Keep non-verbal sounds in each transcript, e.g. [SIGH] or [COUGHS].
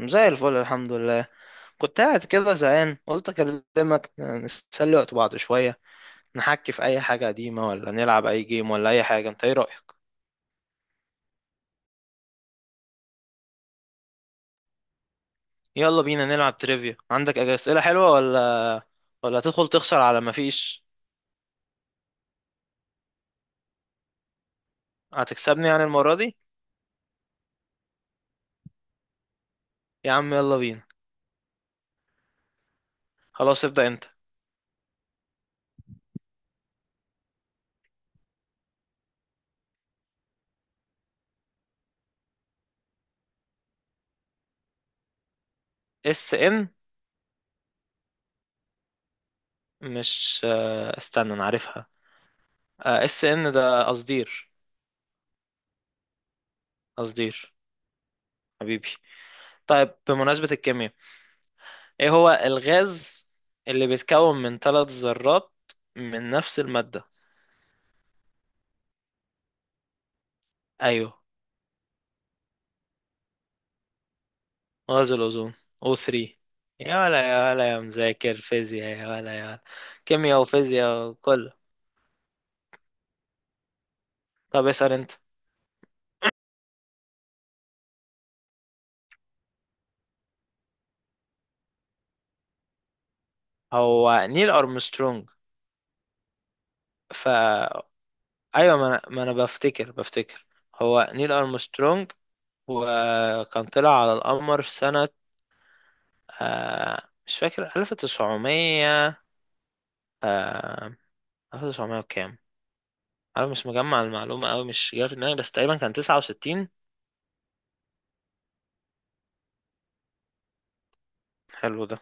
زي الفل، الحمد لله. كنت قاعد كده زهقان، قلت اكلمك نسلي وقت بعض شوية. نحكي في اي حاجة قديمة، ولا نلعب اي جيم، ولا اي حاجة؟ انت ايه رأيك؟ يلا بينا نلعب تريفيا. عندك اسئلة حلوة ولا ولا هتدخل تخسر على ما فيش؟ هتكسبني يعني المرة دي؟ يا عم يلا بينا. خلاص ابدأ انت. اس ان؟ مش استنى انا عارفها. اس ان ده قصدير. قصدير حبيبي. طيب، بمناسبة الكيمياء، ايه هو الغاز اللي بيتكون من ثلاث ذرات من نفس المادة؟ ايوه. غاز الاوزون، O3. يا ولا يا ولا يا مذاكر فيزياء، يا ولا يا ولا. كيمياء وفيزياء كله. طب اسأل انت. هو نيل ارمسترونج. ف ايوه، ما انا ما أنا بفتكر هو نيل ارمسترونج، وكان طلع على القمر في سنة مش فاكر، 1900. آه، 1900 وكام؟ انا مش مجمع المعلومه قوي، مش جايه في دماغي، بس تقريبا كان 69. حلو ده.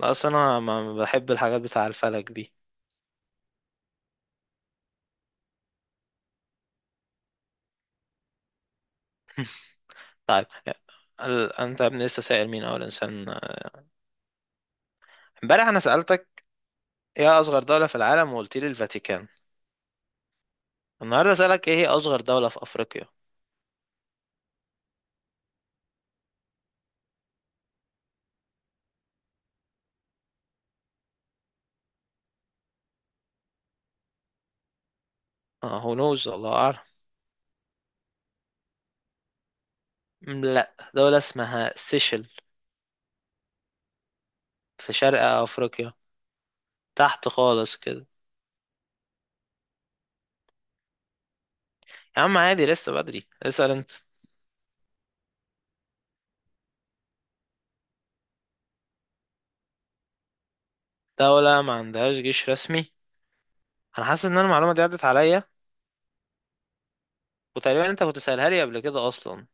لا اصل انا ما بحب الحاجات بتاع الفلك دي. طيب، انت يا ابني لسه سائل مين اول انسان؟ امبارح انا سالتك ايه اصغر دوله في العالم، وقلت لي الفاتيكان. النهارده سالك ايه هي اصغر دوله في افريقيا. اه، هو نوز، الله اعلم. لا، دوله اسمها سيشل. في شرق افريقيا، تحت خالص كده. يا عم عادي، لسه بدري. اسال انت. دوله ما عندهاش جيش رسمي؟ انا حاسس ان أنا المعلومه دي عدت عليا، وتقريبا انت كنت سألها لي قبل كده اصلا.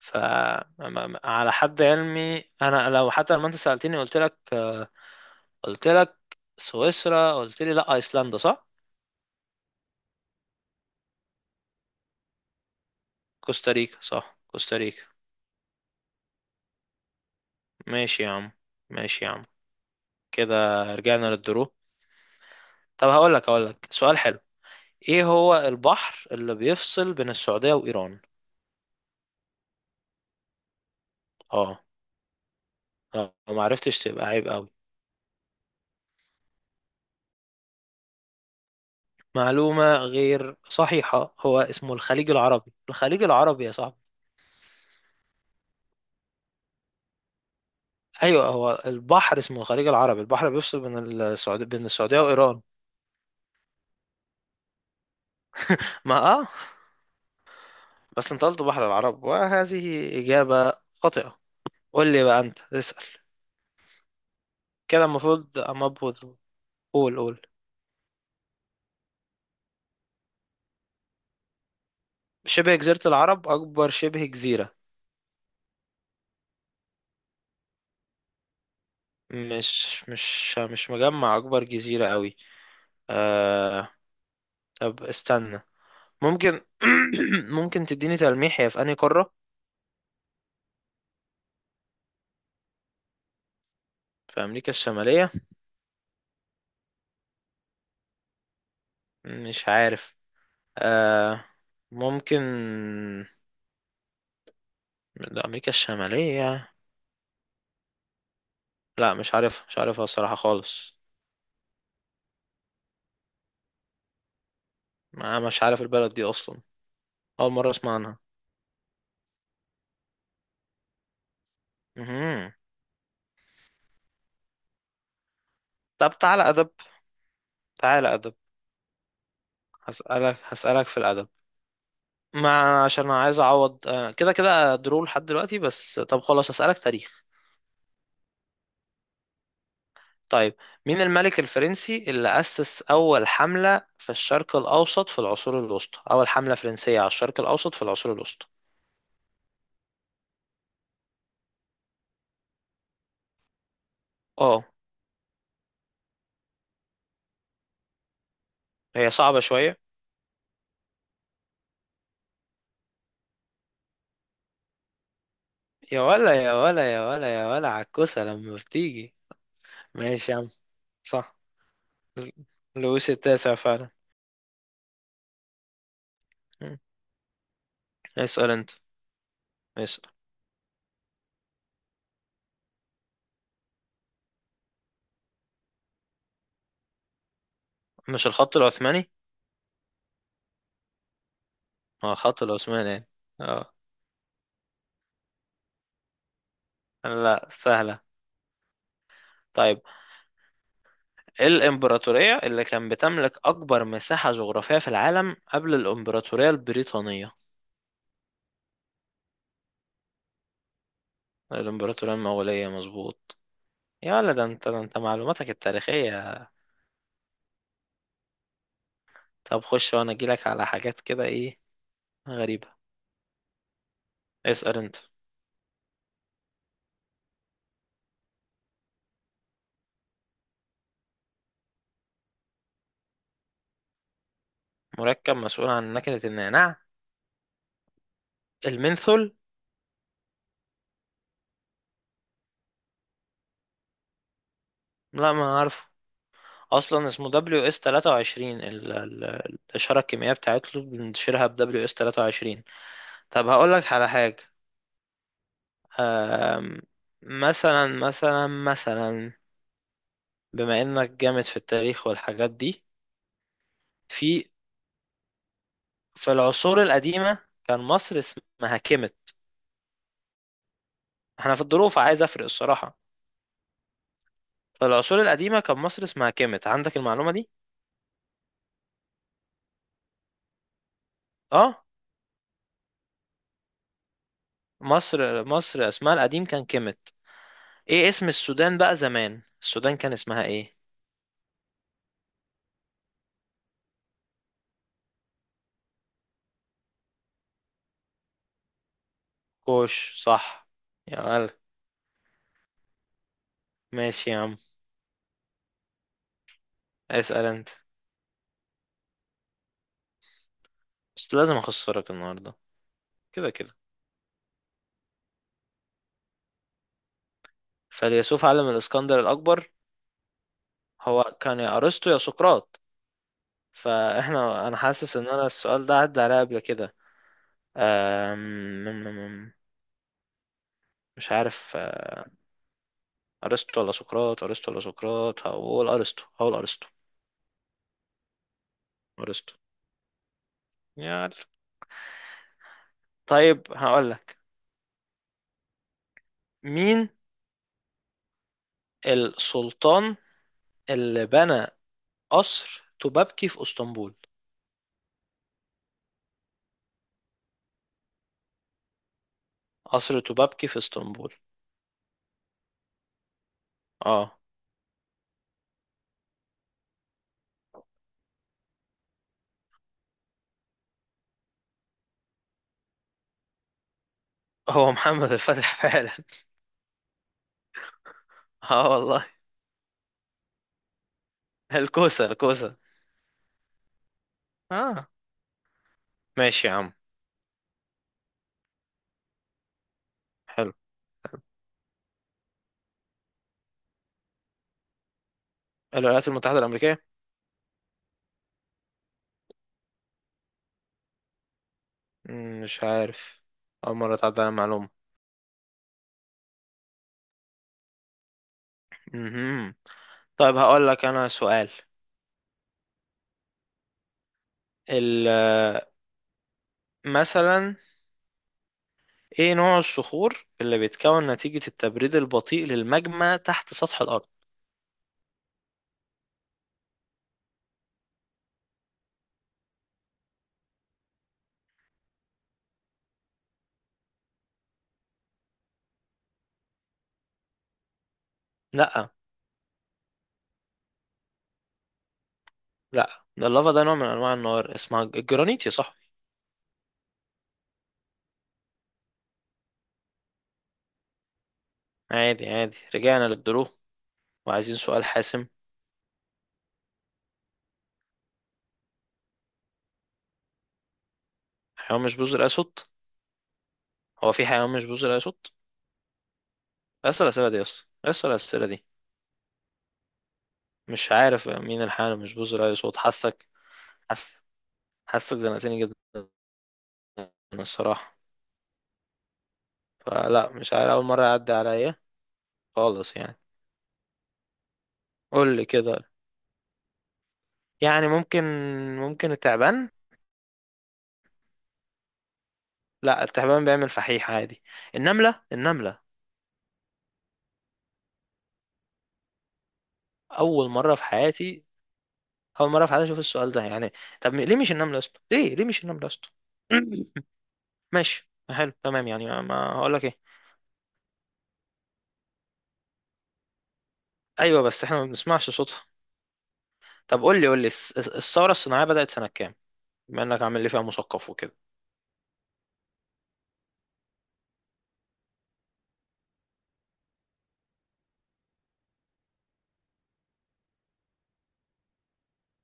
ف على حد علمي انا، لو حتى لما انت سألتني قلت لك قلت لك سويسرا، قلت لي لا ايسلندا، صح؟ كوستاريكا، صح كوستاريكا. ماشي يا عم، ماشي يا عم. كده رجعنا للدرو. طب هقول لك سؤال حلو. ايه هو البحر اللي بيفصل بين السعودية وإيران؟ اه. لو ما عرفتش تبقى عيب قوي. معلومة غير صحيحة، هو اسمه الخليج العربي، الخليج العربي يا صاحبي. ايوه، هو البحر اسمه الخليج العربي، البحر بيفصل بين السعوديه وايران. ما اه. بس انت قلت بحر العرب، وهذه اجابه خاطئه. قول لي بقى، انت اسال. كده المفروض قول شبه جزيره العرب اكبر شبه جزيره. مش مجمع اكبر جزيره قوي. آه. طب استنى، ممكن [COUGHS] [CLEARS THROAT] ممكن تديني تلميح؟ هي في انهي قاره؟ في امريكا الشماليه؟ مش عارف. آه، ممكن. من امريكا الشماليه. لا مش عارف، مش عارفها الصراحه خالص. ما مش عارف البلد دي اصلا، اول مره اسمع عنها. مهم. طب تعالى ادب، تعالى ادب. هسالك في الادب. ما عشان انا عايز اعوض، كده كده درو لحد دلوقتي، بس طب خلاص هسالك تاريخ. طيب، مين الملك الفرنسي اللي اسس اول حمله في الشرق الاوسط في العصور الوسطى؟ اول حمله فرنسيه على الشرق الاوسط في العصور الوسطى. اه. هي صعبه شويه. يا ولا يا ولا يا ولا يا ولا، عكوسة لما بتيجي. ماشي يا عم، صح. لويس التاسع فعلا. مم. اسأل انت، اسأل. مش الخط العثماني؟ اه، الخط العثماني يعني. اه. لا سهلة. طيب، ايه الامبراطورية اللي كان بتملك اكبر مساحة جغرافية في العالم قبل الامبراطورية البريطانية؟ الامبراطورية المغولية، مظبوط. يا ولا، ده انت معلوماتك التاريخية. طب خش، وانا اجيلك على حاجات كده ايه غريبة. اسأل انت. مركب مسؤول عن نكهة النعناع؟ المنثول. لا ما عارفه. اصلا اسمه دبليو اس 23، الاشاره الكيميائيه بتاعته بنشيرها ب دبليو اس 23. طب هقول لك على حاجه. أم، مثلا، بما انك جامد في التاريخ والحاجات دي. في في العصور القديمه كان مصر اسمها كيمت. احنا في الظروف عايز افرق الصراحه. في العصور القديمه كان مصر اسمها كيمت، عندك المعلومه دي؟ اه. مصر اسمها القديم كان كيمت. ايه اسم السودان بقى زمان؟ السودان كان اسمها ايه؟ كوش، صح. يا مالك. ماشي يا عم. اسأل انت. بس لازم اخسرك النهارده، كده كده. فيلسوف عالم الاسكندر الاكبر؟ هو كان يا ارسطو يا سقراط. فاحنا انا حاسس ان انا السؤال ده عدى عليا قبل كده. أم... مم- مم- مم. مش عارف. ارسطو ولا سقراط، ارسطو ولا سقراط، هقول ارسطو، هقول ارسطو. ارسطو. يا عل. طيب هقول لك، مين السلطان اللي بنى قصر توبابكي في اسطنبول؟ قصر توبابكي في اسطنبول. اه، هو محمد الفتح فعلا. [LAUGHS] اه والله. الكوسة الكوسة. اه ماشي يا عم. حلو. الولايات المتحدة الأمريكية. مش عارف. أول مرة تعدي على معلومة. مهم. طيب هقول لك أنا سؤال. ال مثلا، إيه نوع الصخور اللي بيتكون نتيجة التبريد البطيء للماجما تحت سطح الأرض؟ لأ. لأ، ده اللافا، ده نوع من أنواع النار اسمها الجرانيت يا صاحبي. عادي عادي، رجعنا للدروب، وعايزين سؤال حاسم. حيوان مش بذر أسود؟ هو في حيوان مش بيصدر اي صوت؟ اسال الاسئله دي يا اسطى، اسال الاسئله دي. مش عارف مين الحيوان اللي مش بيصدر اي صوت. حاسك. حس. حاسك زنقتني جدا الصراحه. فلا مش عارف، اول مره يعدي عليا خالص يعني. قول لي كده. يعني ممكن، ممكن التعبان. لا، التعبان بيعمل فحيح عادي. النمله، النمله. اول مره في حياتي، اول مره في حياتي اشوف السؤال ده يعني. طب ليه مش النمله يا اسطى؟ ليه مش النمله يا اسطى؟ [COUGHS] [CLEARS THROAT] ماشي حلو تمام يعني، ما ما هقول لك ايه. ايوه بس احنا ما بنسمعش صوتها. طب قول لي الثورة الصناعية بدأت سنة كام؟ بما انك عامل لي فيها مثقف وكده.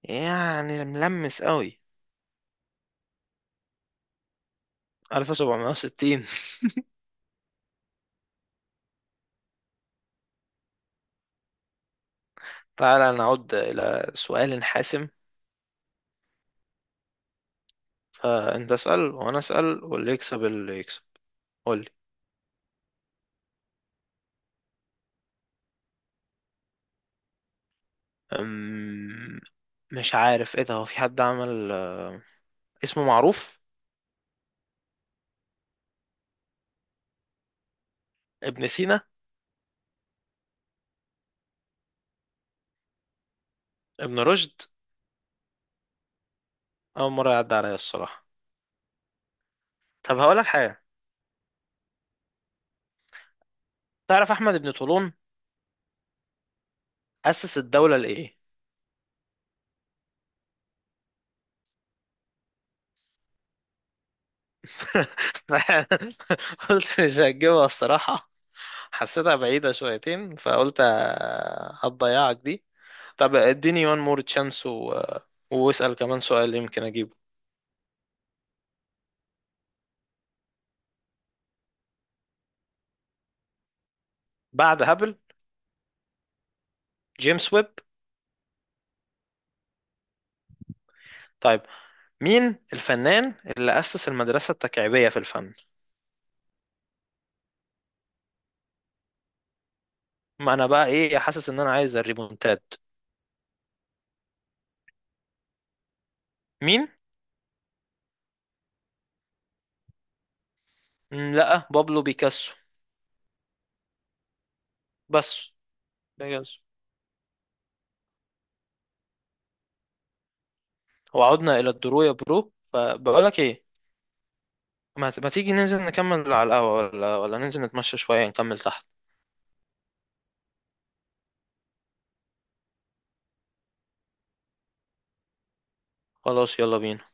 يعني ملمس قوي. 1760. [LAUGHS] تعالى نعود إلى سؤال حاسم. فأنت اسأل وأنا أسأل، واللي يكسب اللي يكسب. قول لي. أم، مش عارف إيه ده، هو في حد عمل، اسمه معروف. ابن سينا. ابن رشد. أول مرة يعدي عليا الصراحة. طب هقولك حاجة، تعرف أحمد بن طولون أسس الدولة لإيه؟ [LAUGHS] قلت مش هتجيبها الصراحة، حسيتها بعيدة شويتين، فقلت هتضيعك دي. طب اديني وان مور تشانس، و... واسأل كمان سؤال يمكن اجيبه. بعد هابل. جيمس ويب. طيب، مين الفنان اللي أسس المدرسة التكعيبية في الفن؟ ما انا بقى ايه، حاسس ان انا عايز الريمونتاد. مين؟ لا، بابلو بيكاسو. بس بيكاسو. وعدنا الى الدرو يا برو، فبقول لك ايه، ما تيجي ننزل نكمل على القهوة، ولا ننزل نتمشى شوية نكمل تحت؟ خلاص يلا بينا.